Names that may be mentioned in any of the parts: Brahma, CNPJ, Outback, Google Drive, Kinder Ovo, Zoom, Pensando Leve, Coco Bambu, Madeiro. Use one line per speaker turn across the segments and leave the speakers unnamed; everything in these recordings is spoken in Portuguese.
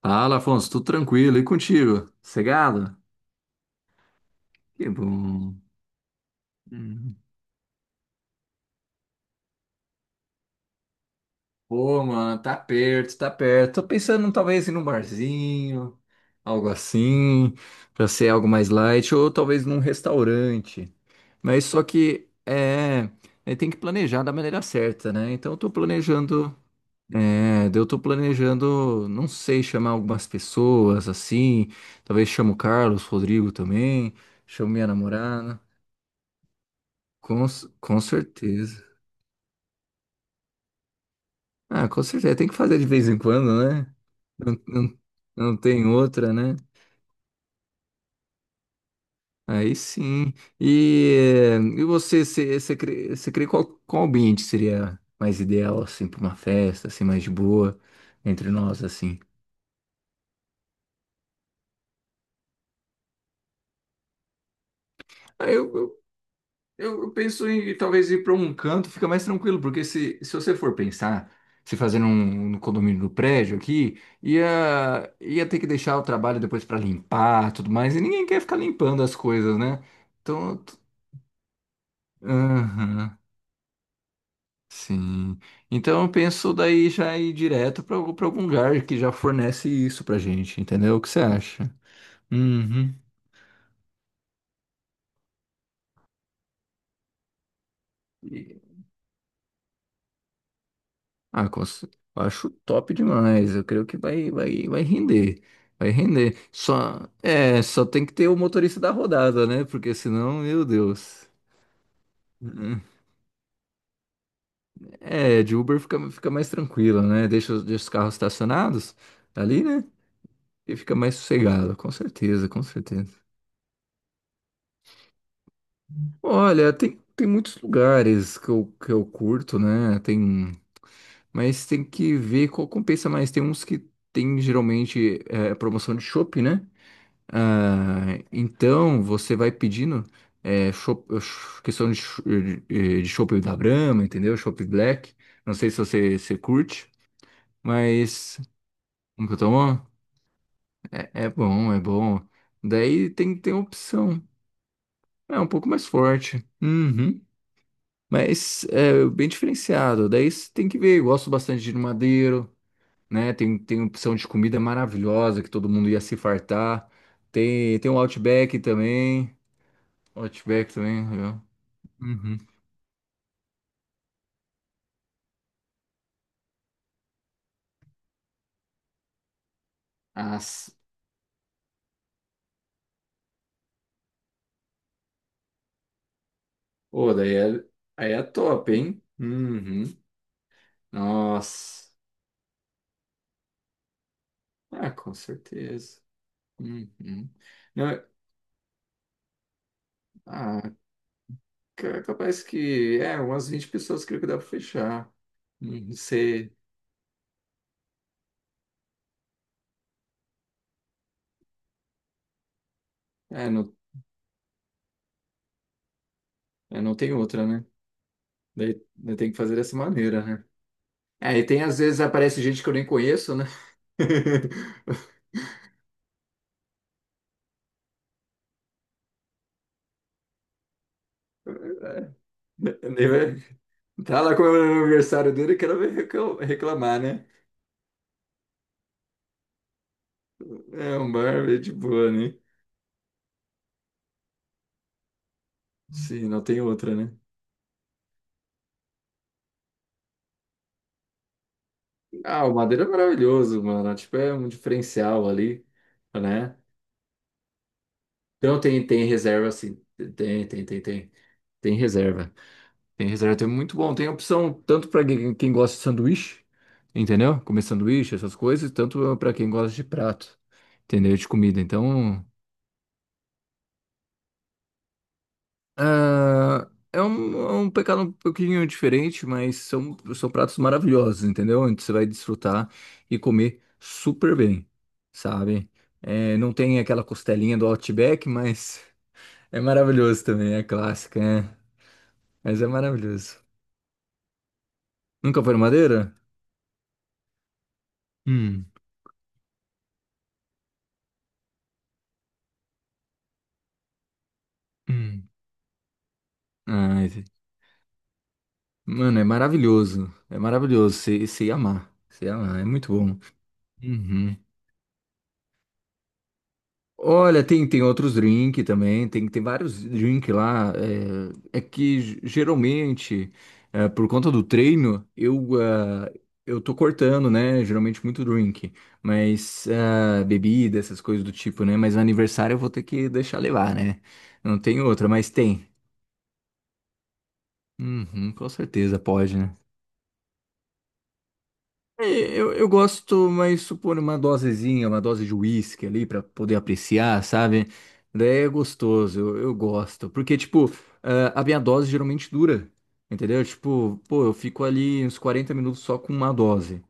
Fala, Afonso, tudo tranquilo? E contigo? Cegado? Que bom. Hum. Pô, mano, tá perto, tá perto. Tô pensando talvez em um barzinho, algo assim, pra ser algo mais light, ou talvez num restaurante. Mas só que tem que planejar da maneira certa, né? Então eu tô planejando, eu tô planejando, não sei, chamar algumas pessoas assim, talvez chamo o Carlos, Rodrigo também, chamo minha namorada. Com certeza. Ah, com certeza. Tem que fazer de vez em quando, né? Não, não tem outra, né? Aí sim. E você, você crê, você crê qual ambiente seria mais ideal, assim, para uma festa, assim, mais de boa, entre nós, assim? Ah, Eu, eu penso em talvez ir para um canto, fica mais tranquilo, porque se você for pensar, se fazer um, no condomínio do prédio aqui, ia ter que deixar o trabalho depois para limpar tudo mais, e ninguém quer ficar limpando as coisas, né? Então, t- aham, sim. Então eu penso daí já ir direto para algum lugar que já fornece isso pra gente, entendeu? O que você acha? Uhum. Ah, cons- acho top demais. Eu creio que vai render. Vai render. Só, é, só tem que ter o motorista da rodada, né? Porque senão, meu Deus. Hum. É, de Uber fica mais tranquilo, né? Deixa os carros estacionados ali, né? E fica mais sossegado, com certeza, com certeza. Olha, tem, tem muitos lugares que eu curto, né? Tem, mas tem que ver qual compensa mais. Tem uns que tem geralmente é, promoção de shopping, né? Ah, então você vai pedindo é, cho- ch- questão de, ch- eh, de chopp da Brahma, entendeu? Chopp Black. Não sei se você curte, mas nunca tomou? É bom, é bom. Daí tem, tem opção. É um pouco mais forte. Uhum. Mas é bem diferenciado. Daí você tem que ver. Eu gosto bastante de ir no Madeiro, né? Tem, tem opção de comida maravilhosa que todo mundo ia se fartar. Tem, tem o Outback também. Outback também, legal. Uhum. as Ô, daí é, aí é top, hein? Uhum. Nossa. Ah, com certeza. Uhum. Não, é- ah, ca- capaz que. É, umas 20 pessoas creio que dá pra fechar. Não sei. É, não, não tem outra, né? Daí tem que fazer dessa maneira, né? É, e tem às vezes aparece gente que eu nem conheço, né? Daí vai- Tá lá comemorando o aniversário dele, e quero ver reclamar, né? É um bar bem de boa, né? Sim, não tem outra, né? Ah, o Madeira é maravilhoso, mano. Tipo, é um diferencial ali, né? Então tem, tem reserva, sim. Tem. Tem reserva. Tem reserva, tem muito bom. Tem opção tanto para quem gosta de sanduíche, entendeu? Comer sanduíche, essas coisas, tanto para quem gosta de prato, entendeu? De comida. Então. Ah, é um pecado um pouquinho diferente, mas são pratos maravilhosos, entendeu? Onde você vai desfrutar e comer super bem, sabe? É, não tem aquela costelinha do Outback, mas é maravilhoso também, é clássica, é. Mas é maravilhoso. Nunca foi no Madeira? Hum, hum. Ai, esse- mano, é maravilhoso. É maravilhoso, você ia amar. Você ia amar, é muito bom. Uhum. Olha, tem, tem outros drinks também, tem, tem vários drinks lá. Geralmente, é, por conta do treino, eu tô cortando, né? Geralmente muito drink, mas bebida, essas coisas do tipo, né? Mas no aniversário eu vou ter que deixar levar, né? Não tem outra, mas tem. Uhum, com certeza pode, né? Eu gosto, mas supor uma dosezinha, uma dose de uísque ali pra poder apreciar, sabe? Daí é gostoso, eu gosto. Porque, tipo, a minha dose geralmente dura, entendeu? Tipo, pô, eu fico ali uns 40 minutos só com uma dose.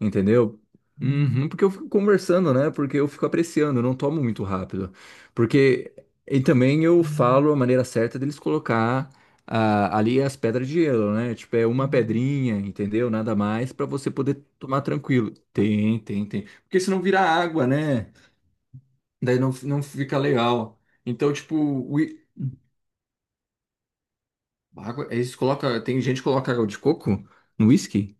Entendeu? Uhum, porque eu fico conversando, né? Porque eu fico apreciando, eu não tomo muito rápido. Porque. E também eu falo a maneira certa deles colocar ali as pedras de gelo, né? Tipo, é uma pedrinha, entendeu? Nada mais pra você poder tomar tranquilo. Tem. Porque senão vira água, né? Daí não fica legal. Então, tipo, água, eles colocam. Tem gente que coloca água de coco no uísque?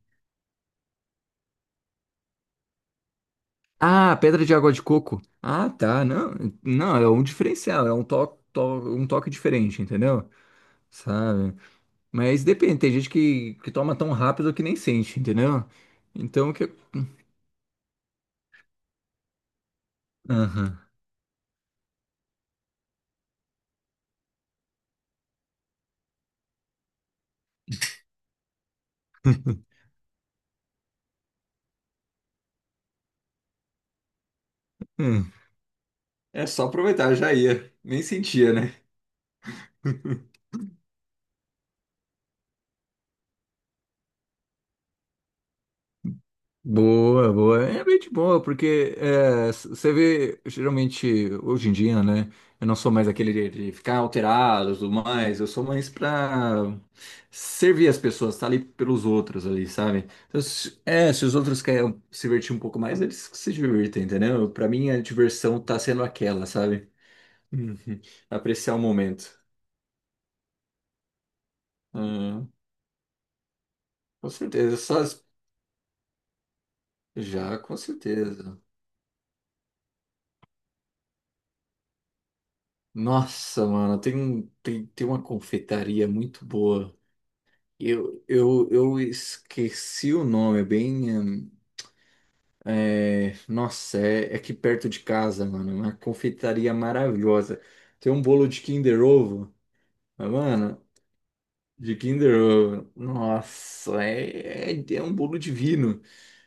Ah, pedra de água de coco. Ah, tá. Não, não, é um diferencial, é um toque diferente, entendeu? Sabe? Mas depende, tem gente que toma tão rápido que nem sente, entendeu? Então o que. Aham. Hum. É só aproveitar, já ia. Nem sentia, né? Boa, boa. É bem de boa, porque você vê, geralmente, hoje em dia, né? Eu não sou mais aquele de ficar alterado e tudo mais, eu sou mais pra servir as pessoas, tá ali pelos outros ali, sabe? Então, se os outros querem se divertir um pouco mais, eles que se divertem, entendeu? Pra mim, a diversão tá sendo aquela, sabe? Uhum. Apreciar o momento. Ah, com certeza, só as- já, com certeza. Nossa, mano, tem, tem uma confeitaria muito boa. Eu esqueci o nome, é nossa, é aqui perto de casa, mano. É uma confeitaria maravilhosa. Tem um bolo de Kinder Ovo, mas, mano, de Kinder Ovo. Nossa, é um bolo divino.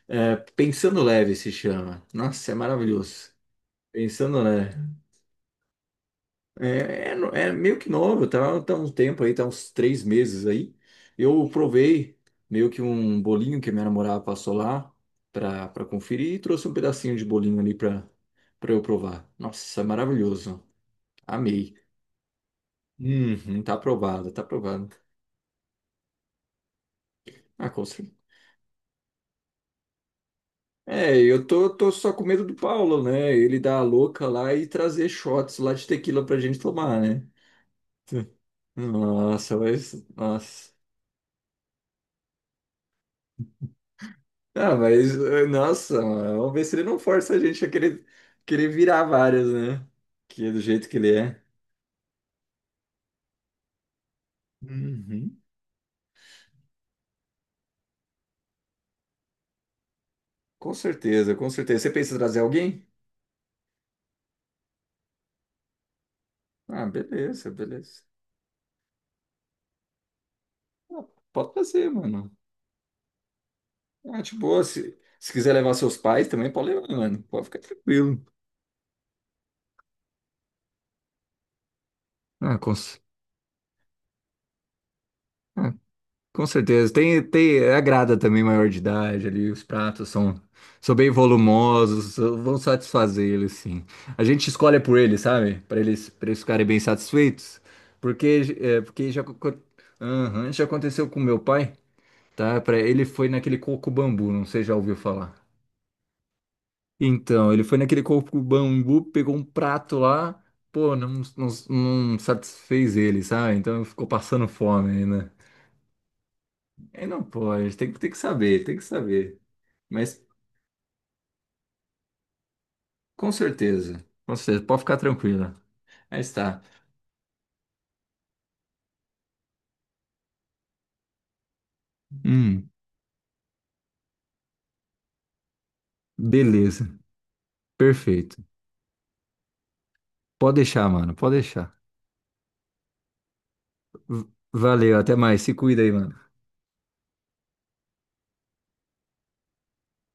É, Pensando Leve se chama. Nossa, é maravilhoso. Pensando Leve. É meio que novo, tá um tempo aí, tá uns três meses aí. Eu provei meio que um bolinho que minha namorada passou lá pra conferir e trouxe um pedacinho de bolinho ali pra eu provar. Nossa, maravilhoso. Amei. Uhum, tá aprovado, tá aprovado. Ah, com certeza. Tô só com medo do Paulo, né? Ele dar a louca lá e trazer shots lá de tequila pra gente tomar, né? Nossa, mas. Nossa. Ah, mas, nossa, mano, vamos ver se ele não força a gente a querer virar várias, né? Que é do jeito que ele é. Uhum. Com certeza, com certeza. Você pensa em trazer alguém? Ah, beleza, beleza. Ah, pode trazer, mano. Ah, de boa, se quiser levar seus pais também, pode levar, mano. Pode ficar tranquilo. Ah, com... Com certeza. Agrada também maior de idade ali, são bem volumosos, so, vão satisfazer eles, sim. A gente escolhe por eles, sabe? Para eles ficarem bem satisfeitos. Porque, aham, já aconteceu com meu pai, tá? Para ele foi naquele coco bambu, não sei se já ouviu falar. Então, ele foi naquele coco bambu, pegou um prato lá, pô, não satisfez ele, sabe? Então ficou passando fome, né? Aí não pode, tem que saber, tem que saber. Mas com certeza, pode ficar tranquila. Aí está. Hum, beleza, perfeito. Pode deixar, mano, pode deixar. V- Valeu, até mais, se cuida aí, mano.